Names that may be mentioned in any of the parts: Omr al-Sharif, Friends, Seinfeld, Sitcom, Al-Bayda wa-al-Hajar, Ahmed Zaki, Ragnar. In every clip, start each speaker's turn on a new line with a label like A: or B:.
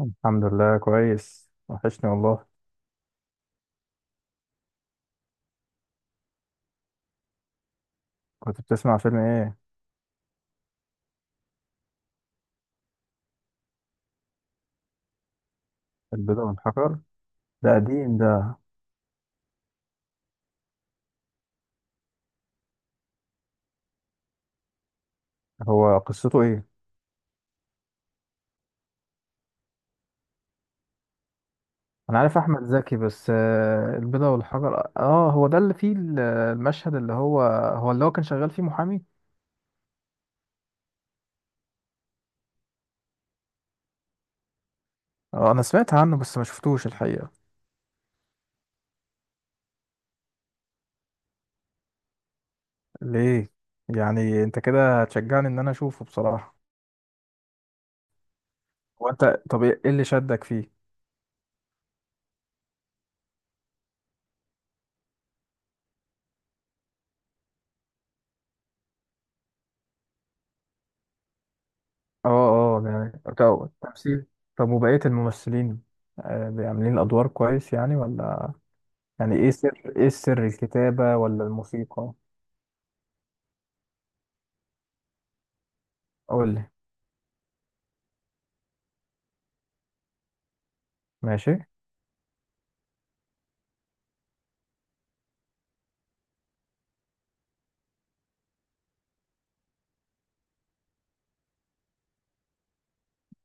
A: الحمد لله كويس، وحشني والله. كنت بتسمع فيلم ايه؟ البيضة والحجر، ده قديم ده. هو قصته ايه؟ انا عارف احمد زكي بس البيضة والحجر، اه هو ده اللي فيه المشهد اللي هو هو اللي كان شغال فيه محامي. اه انا سمعت عنه بس ما شفتوش الحقيقة. ليه؟ يعني انت كده هتشجعني ان انا اشوفه بصراحة؟ هو انت، طب ايه اللي شدك فيه؟ اه اه، يعني تمثيل؟ طب وبقية الممثلين عاملين الادوار كويس يعني ولا؟ يعني ايه سر الكتابة ولا الموسيقى؟ قول لي. ماشي.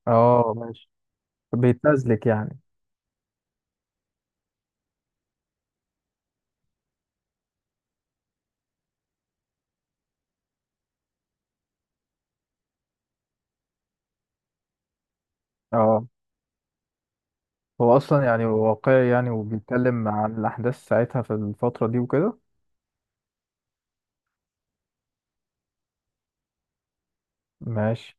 A: اه ماشي. بيتنزلك يعني؟ اه، هو اصلا يعني واقعي يعني وبيتكلم عن الاحداث ساعتها في الفترة دي وكده؟ ماشي.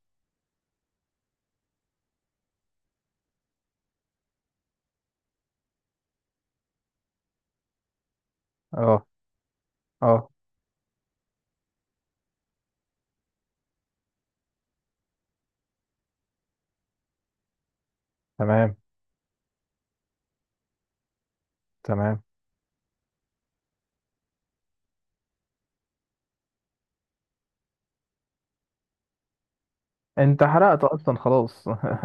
A: اه اه. تمام، تمام. انت حرقت اصلا خلاص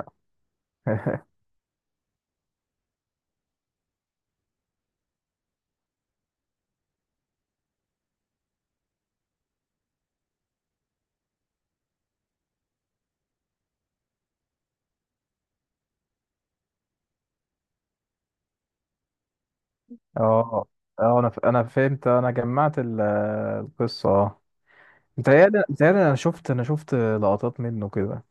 A: اه اه، انا انا فهمت، انا جمعت القصة اه. متهيألي متهيألي انا شفت، انا شفت لقطات منه كده.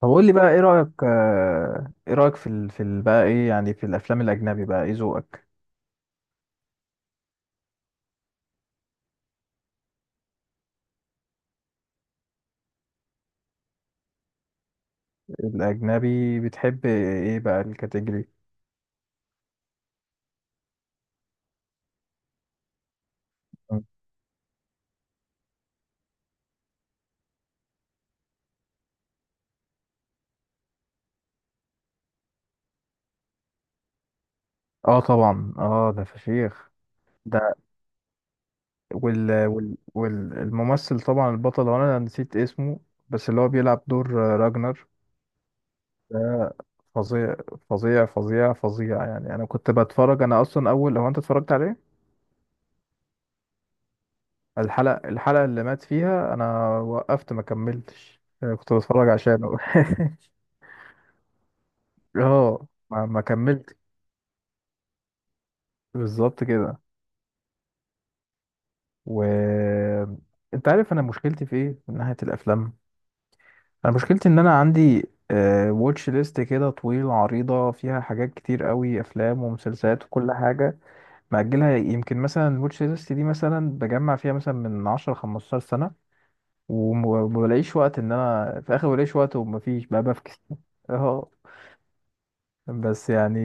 A: طب قول لي بقى ايه رأيك، ايه رأيك في بقى ايه يعني في الافلام الاجنبي؟ بقى ايه ذوقك الاجنبي؟ بتحب ايه بقى الكاتيجوري؟ مم. اه طبعا اه، ده فشيخ ده. والممثل طبعا البطل، وانا نسيت اسمه بس اللي هو بيلعب دور راجنر ده. فظيع، فظيع فظيع فظيع يعني. انا كنت بتفرج، انا اصلا اول، هو انت اتفرجت عليه؟ الحلقة اللي مات فيها انا وقفت ما كملتش، كنت بتفرج عشانه اه ما كملت. بالظبط كده. و انت عارف انا مشكلتي في ايه من ناحيه الافلام؟ انا مشكلتي ان انا عندي واتش ليست كده طويله عريضه فيها حاجات كتير قوي، افلام ومسلسلات وكل حاجه. مأجلها، يمكن مثلا الواتش ليست دي مثلا بجمع فيها مثلا من 10 15 سنه، وما بلاقيش وقت، ان انا في الاخر بلاقيش وقت ومفيش بقى بفكس. اه، بس يعني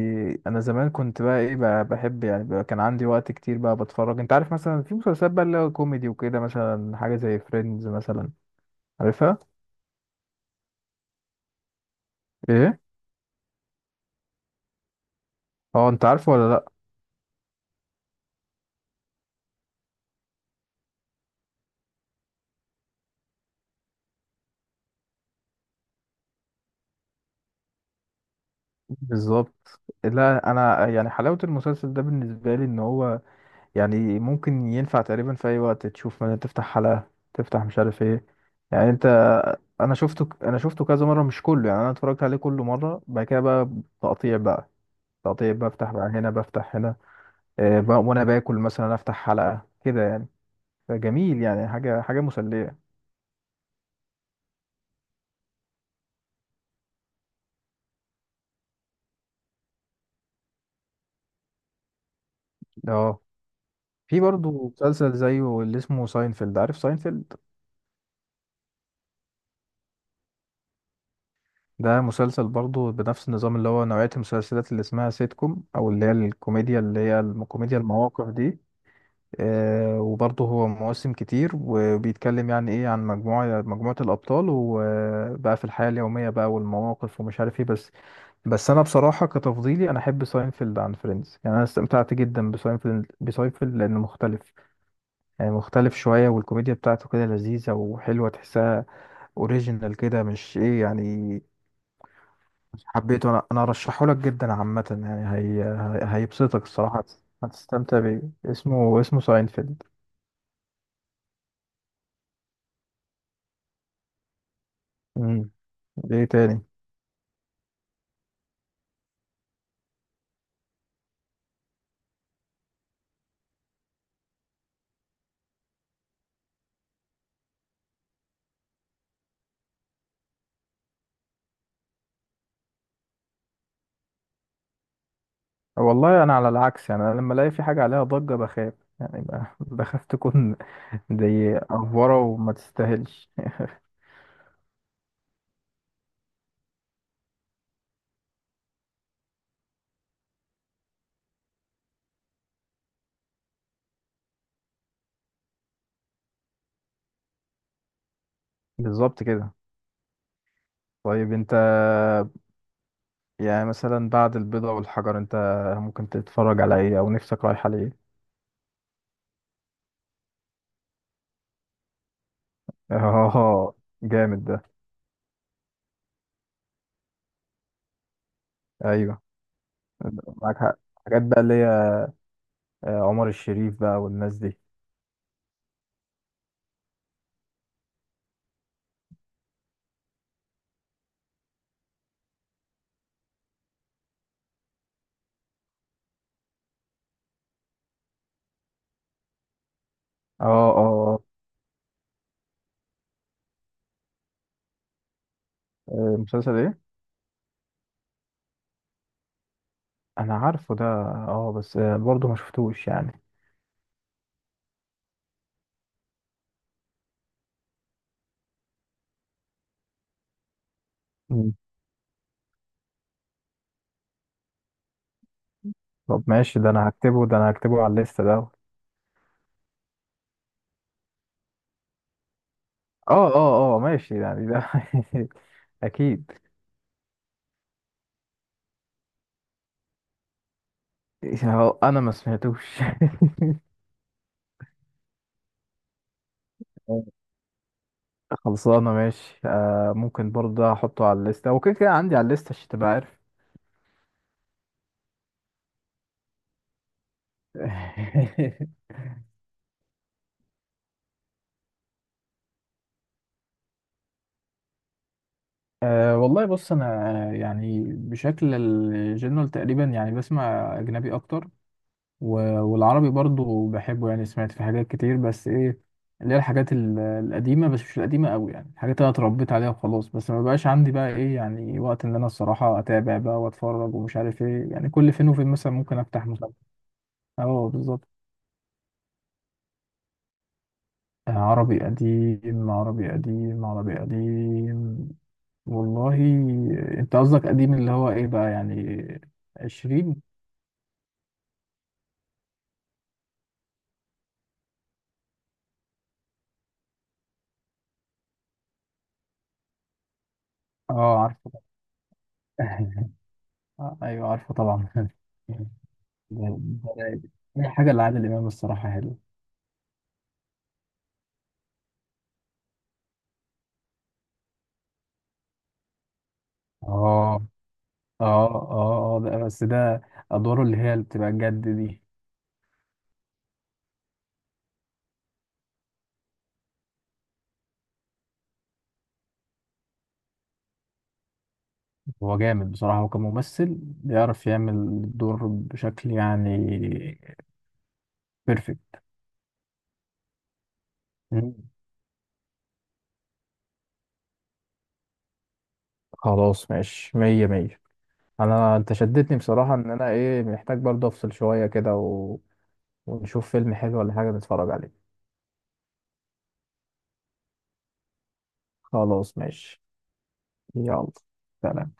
A: انا زمان كنت بقى ايه بقى بحب يعني، بقى كان عندي وقت كتير بقى بتفرج. انت عارف مثلا في مسلسلات بقى اللي هو كوميدي وكده، مثلا حاجه زي فريندز مثلا، عارفها؟ ايه؟ اه، انت عارفه ولا لا؟ بالظبط. لا انا يعني حلاوه المسلسل ده بالنسبه لي ان هو يعني ممكن ينفع تقريبا في اي وقت تشوف. مثلا تفتح حلقه، تفتح مش عارف ايه، يعني انت. انا انا شفته كذا مره، مش كله يعني. انا اتفرجت عليه كله مره، بعد كده بقى تقطيع بقى، تقطيع بفتح بقى هنا، بفتح هنا. وانا باكل مثلا افتح حلقة كده يعني، فجميل يعني، حاجة مسلية. اه، في برضه مسلسل زيه اللي اسمه ساينفيلد، عارف ساينفيلد؟ ده مسلسل برضه بنفس النظام اللي هو نوعية المسلسلات اللي اسمها سيت كوم، او اللي هي الكوميديا المواقف دي. آه، وبرضه هو مواسم كتير، وبيتكلم يعني ايه عن مجموعة الابطال وبقى في الحياة اليومية بقى والمواقف ومش عارف ايه. بس، بس انا بصراحه كتفضيلي انا احب ساينفيلد عن فريندز يعني. انا استمتعت جدا بساينفيلد لانه مختلف يعني، مختلف شويه، والكوميديا بتاعته كده لذيذه وحلوه تحسها اوريجينال كده، مش ايه يعني. حبيته انا، انا ارشحه لك جدا عامه يعني. هيبسطك الصراحه، هتستمتع بيه. اسمه ساينفيلد. امم. ايه تاني؟ والله انا على العكس يعني. انا لما الاقي في حاجه عليها ضجه بخاف، يعني بخاف تكون زي افوره وما تستاهلش. بالظبط كده. طيب انت يعني، مثلا بعد البيضة والحجر، انت ممكن تتفرج على ايه او نفسك رايحة ليه؟ اه، جامد ده. ايوه. معاك حق. حاجات بقى اللي هي عمر الشريف بقى والناس دي. اه اه آه. آه، مسلسل ايه؟ انا عارفه ده اه، بس برضه ما شفتوش يعني. مم. طب ماشي، ده انا هكتبه، ده انا هكتبه على الليسته ده اه. اه اه ماشي يعني ده اكيد. اه، انا ما سمعتوش خلصانة ماشي، آه ممكن برضه أحطه على الليستة، وكده كده عندي على الليستة عشان تبقى عارف. أه والله بص انا يعني بشكل الجنرال تقريبا يعني بسمع اجنبي اكتر، والعربي برضو بحبه يعني، سمعت في حاجات كتير بس ايه، اللي هي القديمه، بس مش القديمه قوي يعني، الحاجات اللي انا اتربيت عليها وخلاص. بس ما بقاش عندي بقى ايه يعني وقت ان انا الصراحه اتابع بقى واتفرج ومش عارف ايه يعني. كل فين وفين مثلا ممكن افتح مسلسل. اه بالظبط. عربي قديم، والله. انت قصدك قديم اللي هو ايه بقى يعني؟ عشرين؟ اه عارفه آه، ايوه عارفه طبعا ده رايق. اي حاجه لعادل امام الصراحه حلوه. اه اه اه. اه ده بس ده، ادواره اللي هي اللي بتبقى جد دي. هو جامد بصراحه، هو كممثل بيعرف يعمل الدور بشكل يعني بيرفكت. مم. خلاص ماشي، مية مية. انت شدتني بصراحة ان انا ايه، محتاج برضه افصل شوية كده ونشوف فيلم حلو ولا حاجة نتفرج عليه. خلاص ماشي، يلا سلام.